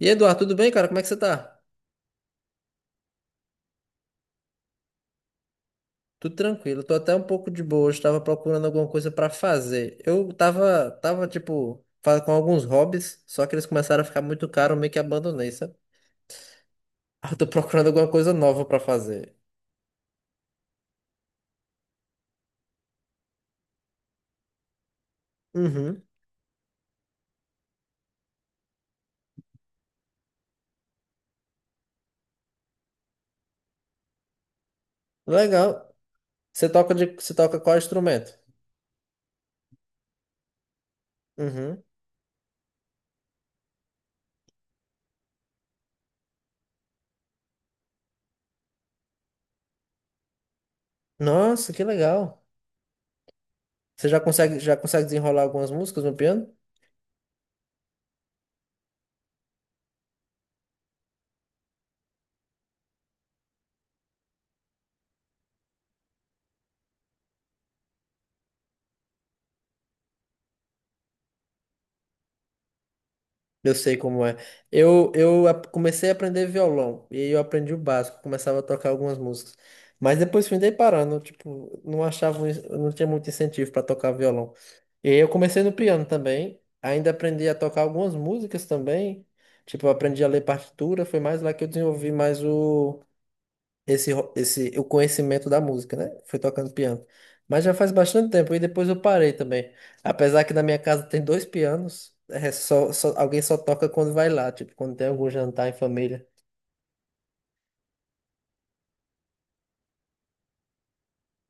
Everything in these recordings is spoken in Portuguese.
Eduardo, tudo bem, cara? Como é que você tá? Tudo tranquilo, tô até um pouco de boa. Hoje tava procurando alguma coisa pra fazer. Eu tava tipo, com alguns hobbies, só que eles começaram a ficar muito caros, eu meio que abandonei, sabe? Eu tô procurando alguma coisa nova pra fazer. Uhum. Legal. Você toca qual instrumento? Uhum. Nossa, que legal. Você já consegue desenrolar algumas músicas no piano? Eu sei como é. Comecei a aprender violão e aí eu aprendi o básico, começava a tocar algumas músicas. Mas depois fui dei parando, tipo, não achava, não tinha muito incentivo para tocar violão. E aí eu comecei no piano também, ainda aprendi a tocar algumas músicas também. Tipo, eu aprendi a ler partitura, foi mais lá que eu desenvolvi mais o conhecimento da música, né? Fui tocando piano. Mas já faz bastante tempo e depois eu parei também. Apesar que na minha casa tem dois pianos, alguém só toca quando vai lá, tipo, quando tem algum jantar em família.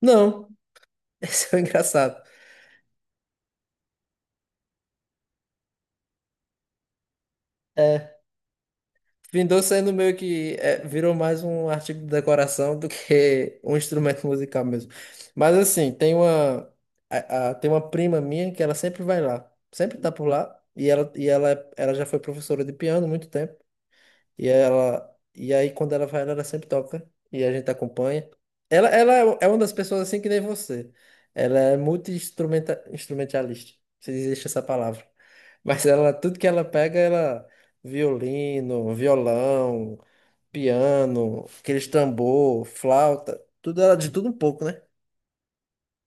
Não, esse é o engraçado. É, findou sendo meio que virou mais um artigo de decoração do que um instrumento musical mesmo. Mas assim, tem uma prima minha que ela sempre vai lá, sempre tá por lá. Ela já foi professora de piano há muito tempo. E aí quando ela vai, ela sempre toca e a gente acompanha. Ela é uma das pessoas assim que nem você. Ela é multi-instrumentalista, se existe essa palavra. Mas ela, tudo que ela pega, ela violino, violão, piano, aqueles tambor, flauta, tudo ela de tudo um pouco, né?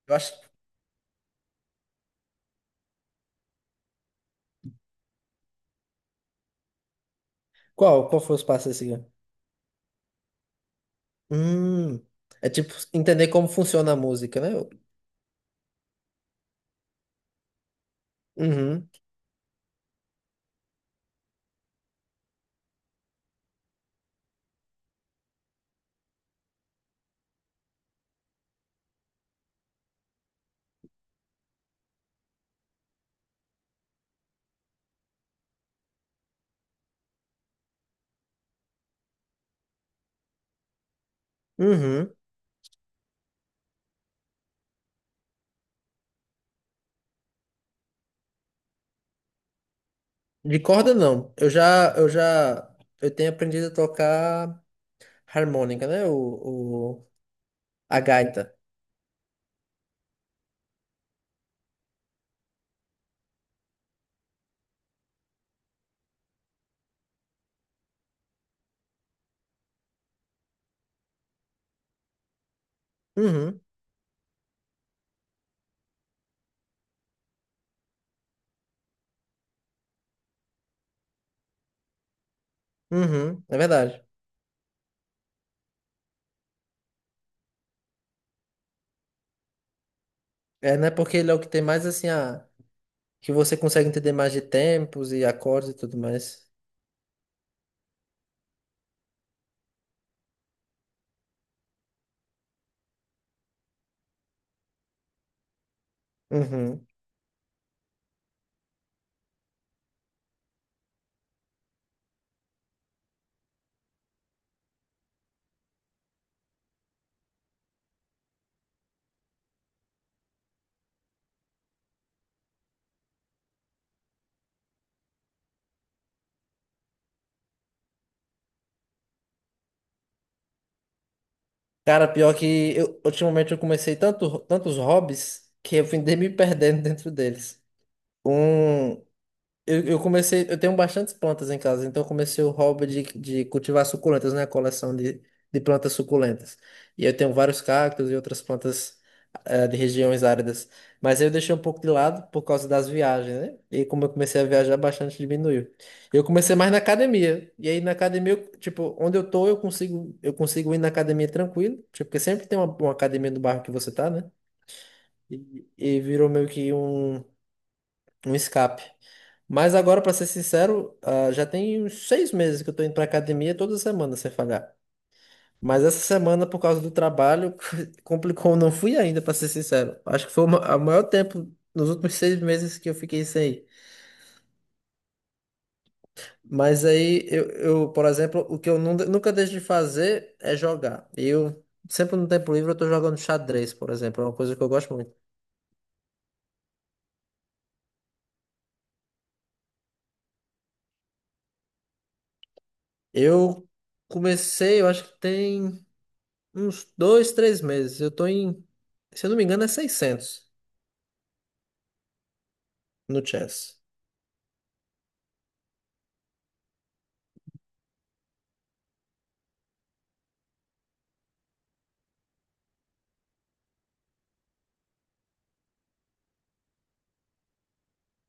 Eu acho. Qual foi os passos assim, ó? Hum, É tipo entender como funciona a música, né? Uhum, uhum. De corda não. Eu tenho aprendido a tocar harmônica, né? A gaita. Uhum, uhum, é verdade. É, né? Porque ele é o que tem mais assim a que você consegue entender mais de tempos e acordes e tudo mais. Uhum. Cara, pior que eu, ultimamente eu comecei tantos hobbies que eu fui me perdendo dentro deles. Um, eu tenho bastantes plantas em casa, então eu comecei o hobby de cultivar suculentas, né? A coleção de plantas suculentas. E eu tenho vários cactos e outras plantas de regiões áridas. Mas eu deixei um pouco de lado por causa das viagens, né? E como eu comecei a viajar bastante, diminuiu. Eu comecei mais na academia. E aí na academia, eu, tipo, onde eu tô, eu consigo ir na academia tranquilo. Tipo, porque sempre tem uma academia no bairro que você tá, né? E virou meio que um escape. Mas agora, pra ser sincero, já tem uns 6 meses que eu tô indo pra academia é toda semana sem falhar. Mas essa semana, por causa do trabalho, complicou. Eu não fui ainda, pra ser sincero. Acho que foi o maior tempo nos últimos 6 meses que eu fiquei sem ir. Mas aí, por exemplo, o que eu nunca deixo de fazer é jogar. Sempre no tempo livre, eu tô jogando xadrez, por exemplo. É uma coisa que eu gosto muito. Eu eu acho que tem uns 2, 3 meses. Eu tô em, se eu não me engano, é 600 no chess.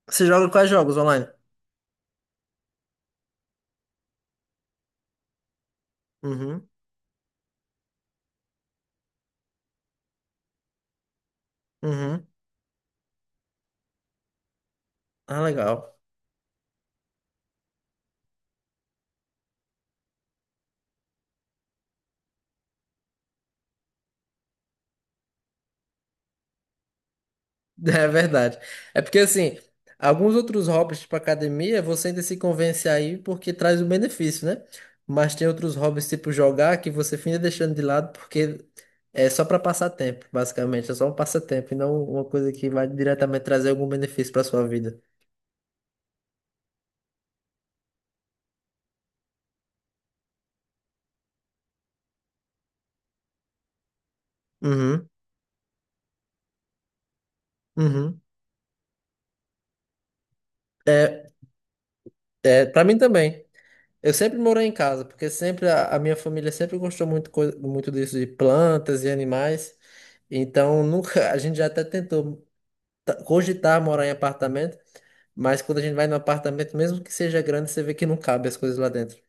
Você joga quais jogos online? Uhum, uhum. Ah, legal. É verdade. É porque, assim, alguns outros hobbies, tipo academia, você ainda se convence aí porque traz o benefício, né? Mas tem outros hobbies, tipo jogar, que você fica deixando de lado porque é só para passar tempo, basicamente. É só um passatempo e não uma coisa que vai diretamente trazer algum benefício para sua vida. Uhum, uhum. É, é, para mim também. Eu sempre morei em casa, porque sempre a minha família sempre gostou muito, muito disso de plantas e animais. Então nunca a gente já até tentou cogitar morar em apartamento, mas quando a gente vai no apartamento, mesmo que seja grande, você vê que não cabe as coisas lá dentro.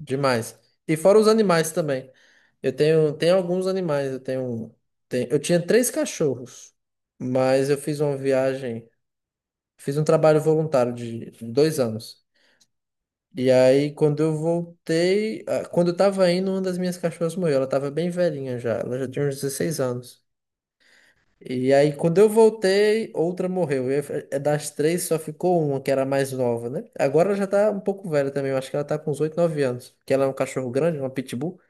Demais. E fora os animais também. Eu tenho alguns animais. Eu tinha três cachorros, mas eu fiz uma viagem, fiz um trabalho voluntário de 2 anos. E aí, quando eu voltei, quando eu tava indo, uma das minhas cachorras morreu. Ela tava bem velhinha já, ela já tinha uns 16 anos. E aí, quando eu voltei, outra morreu. E aí, é das três, só ficou uma, que era a mais nova, né? Agora ela já tá um pouco velha também, eu acho que ela tá com uns 8 9 anos. Que ela é um cachorro grande, uma pitbull.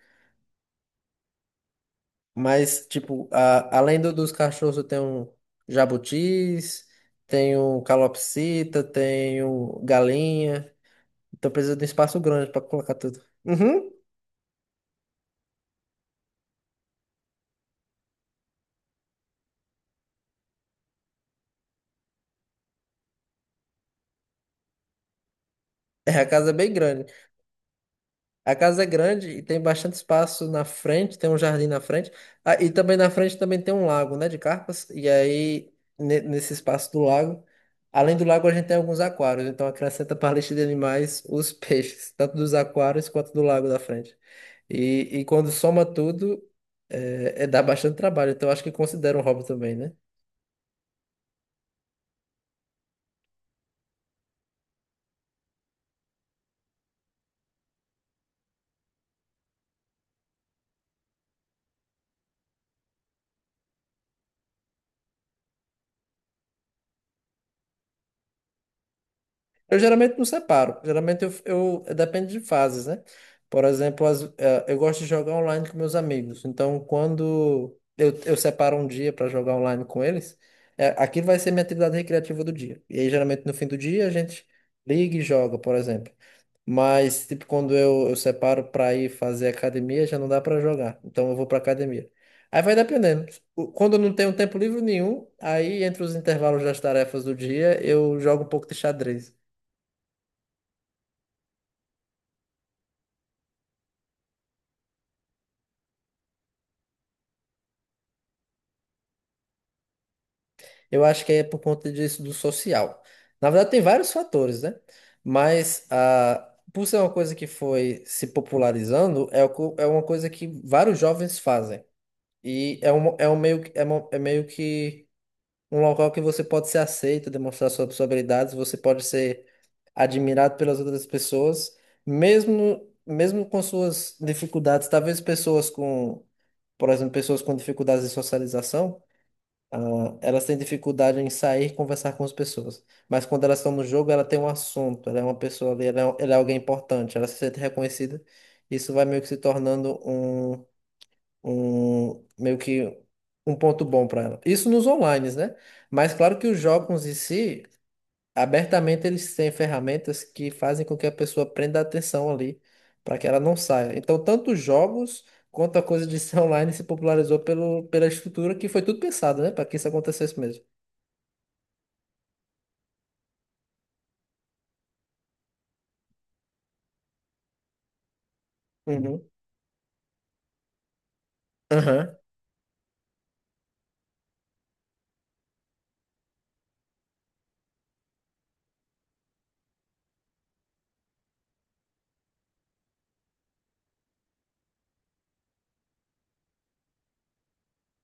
Mas, tipo, além dos cachorros, eu tenho jabutis, tenho calopsita, tenho galinha. Então precisa de um espaço grande pra colocar tudo. Uhum. É, a casa é bem grande. A casa é grande e tem bastante espaço na frente, tem um jardim na frente. Ah, e também na frente também tem um lago, né, de carpas. E aí, nesse espaço do lago, além do lago, a gente tem alguns aquários. Então, acrescenta para a lista de animais os peixes, tanto dos aquários quanto do lago da frente. E quando soma tudo, é dá bastante trabalho, então acho que considera um hobby também, né? Eu geralmente não separo. Geralmente depende de fases, né? Por exemplo, eu gosto de jogar online com meus amigos. Então, quando eu separo um dia para jogar online com eles, aquilo vai ser minha atividade recreativa do dia. E aí, geralmente, no fim do dia, a gente liga e joga, por exemplo. Mas, tipo, quando eu separo para ir fazer academia, já não dá para jogar. Então, eu vou para academia. Aí vai dependendo. Quando eu não tenho tempo livre nenhum, aí entre os intervalos das tarefas do dia, eu jogo um pouco de xadrez. Eu acho que é por conta disso do social. Na verdade, tem vários fatores, né? Mas por ser uma coisa que foi se popularizando, é uma coisa que vários jovens fazem. E é um meio, é meio que um local que você pode ser aceito, demonstrar suas habilidades, você pode ser admirado pelas outras pessoas, mesmo, mesmo com suas dificuldades. Por exemplo, pessoas com dificuldades de socialização. Ah, elas têm dificuldade em sair e conversar com as pessoas. Mas quando elas estão no jogo, ela tem um assunto, ela é uma pessoa ali, ela é alguém importante, ela se sente reconhecida. Isso vai meio que se tornando um, meio que um ponto bom para ela. Isso nos online, né? Mas claro que os jogos em si, abertamente, eles têm ferramentas que fazem com que a pessoa prenda a atenção ali, para que ela não saia. Então, tanto os jogos quanto a coisa de ser online se popularizou pela estrutura que foi tudo pensado, né? Para que isso acontecesse mesmo. Uhum. Aham.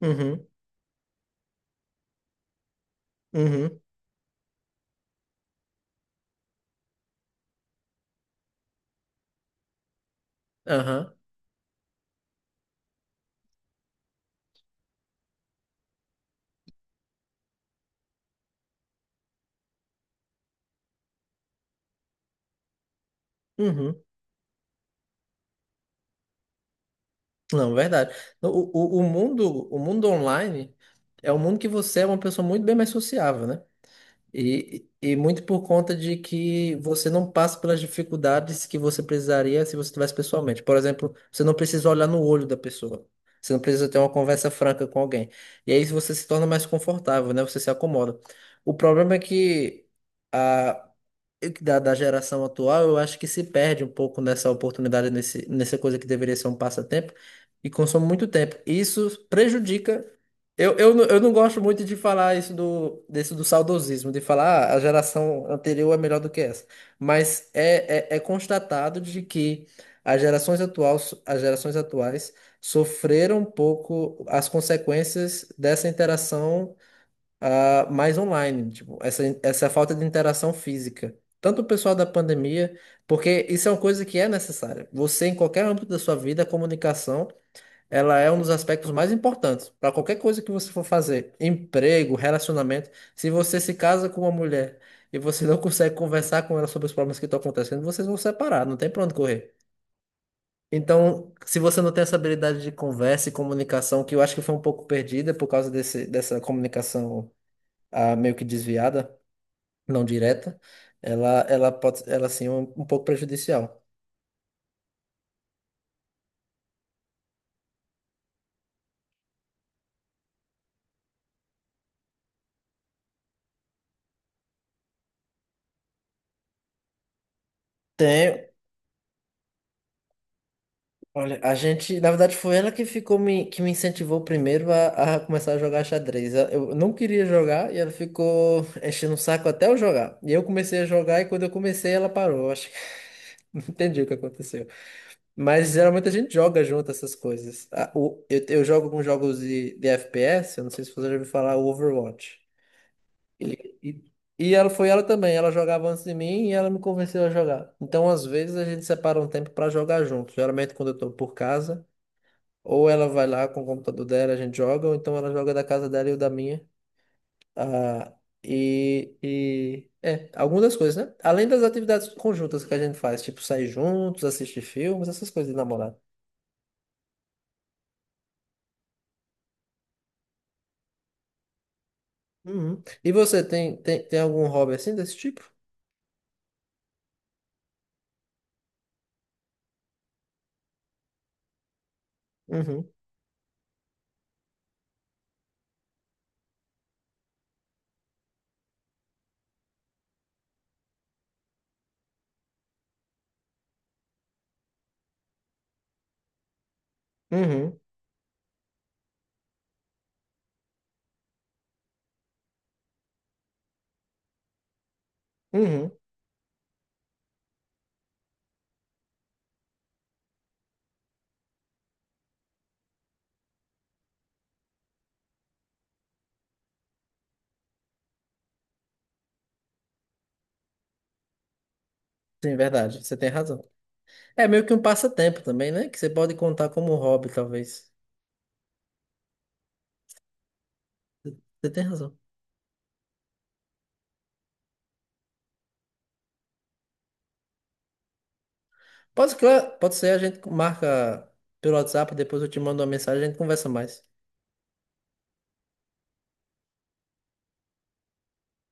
Uhum. Uhum. Aham. Uhum. Não, verdade. O, o mundo online é um mundo que você é uma pessoa muito bem mais sociável, né? E muito por conta de que você não passa pelas dificuldades que você precisaria se você estivesse pessoalmente. Por exemplo, você não precisa olhar no olho da pessoa. Você não precisa ter uma conversa franca com alguém. E aí você se torna mais confortável, né? Você se acomoda. O problema é que da geração atual, eu acho que se perde um pouco nessa oportunidade, nessa coisa que deveria ser um passatempo, e consome muito tempo. Isso prejudica. Eu não gosto muito de falar isso desse do saudosismo, de falar a geração anterior é melhor do que essa. Mas é constatado de que as gerações atuais sofreram um pouco as consequências dessa interação mais online, tipo, essa falta de interação física. Tanto o pessoal da pandemia, porque isso é uma coisa que é necessária. Você, em qualquer âmbito da sua vida, a comunicação, ela é um dos aspectos mais importantes para qualquer coisa que você for fazer. Emprego, relacionamento. Se você se casa com uma mulher e você não consegue conversar com ela sobre os problemas que estão acontecendo, vocês vão separar, não tem pra onde correr. Então, se você não tem essa habilidade de conversa e comunicação, que eu acho que foi um pouco perdida por causa dessa comunicação a meio que desviada, não direta, ela sim é um pouco prejudicial. Tem, olha, a gente, na verdade, foi ela que ficou que me incentivou primeiro a começar a jogar xadrez. Eu não queria jogar e ela ficou enchendo o saco até eu jogar. E eu comecei a jogar e quando eu comecei ela parou. Eu acho que não entendi o que aconteceu. Mas geralmente a gente joga junto essas coisas. Ah, eu jogo com jogos de FPS, eu não sei se você já ouviu falar, o Overwatch. E, e, e ela foi ela também, ela jogava antes de mim e ela me convenceu a jogar. Então, às vezes, a gente separa um tempo pra jogar junto. Geralmente, quando eu tô por casa, ou ela vai lá com o computador dela, a gente joga, ou então ela joga da casa dela e eu da minha. Ah, algumas das coisas, né? Além das atividades conjuntas que a gente faz, tipo sair juntos, assistir filmes, essas coisas de namorado. Uhum. E você tem algum hobby assim desse tipo? Uhum. Uhum. Uhum. Sim, verdade. Você tem razão. É meio que um passatempo também, né? Que você pode contar como hobby, talvez. Você tem razão. Pode, claro, pode ser, a gente marca pelo WhatsApp, depois eu te mando uma mensagem, a gente conversa mais.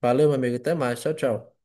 Valeu, meu amigo. Até mais. Tchau, tchau.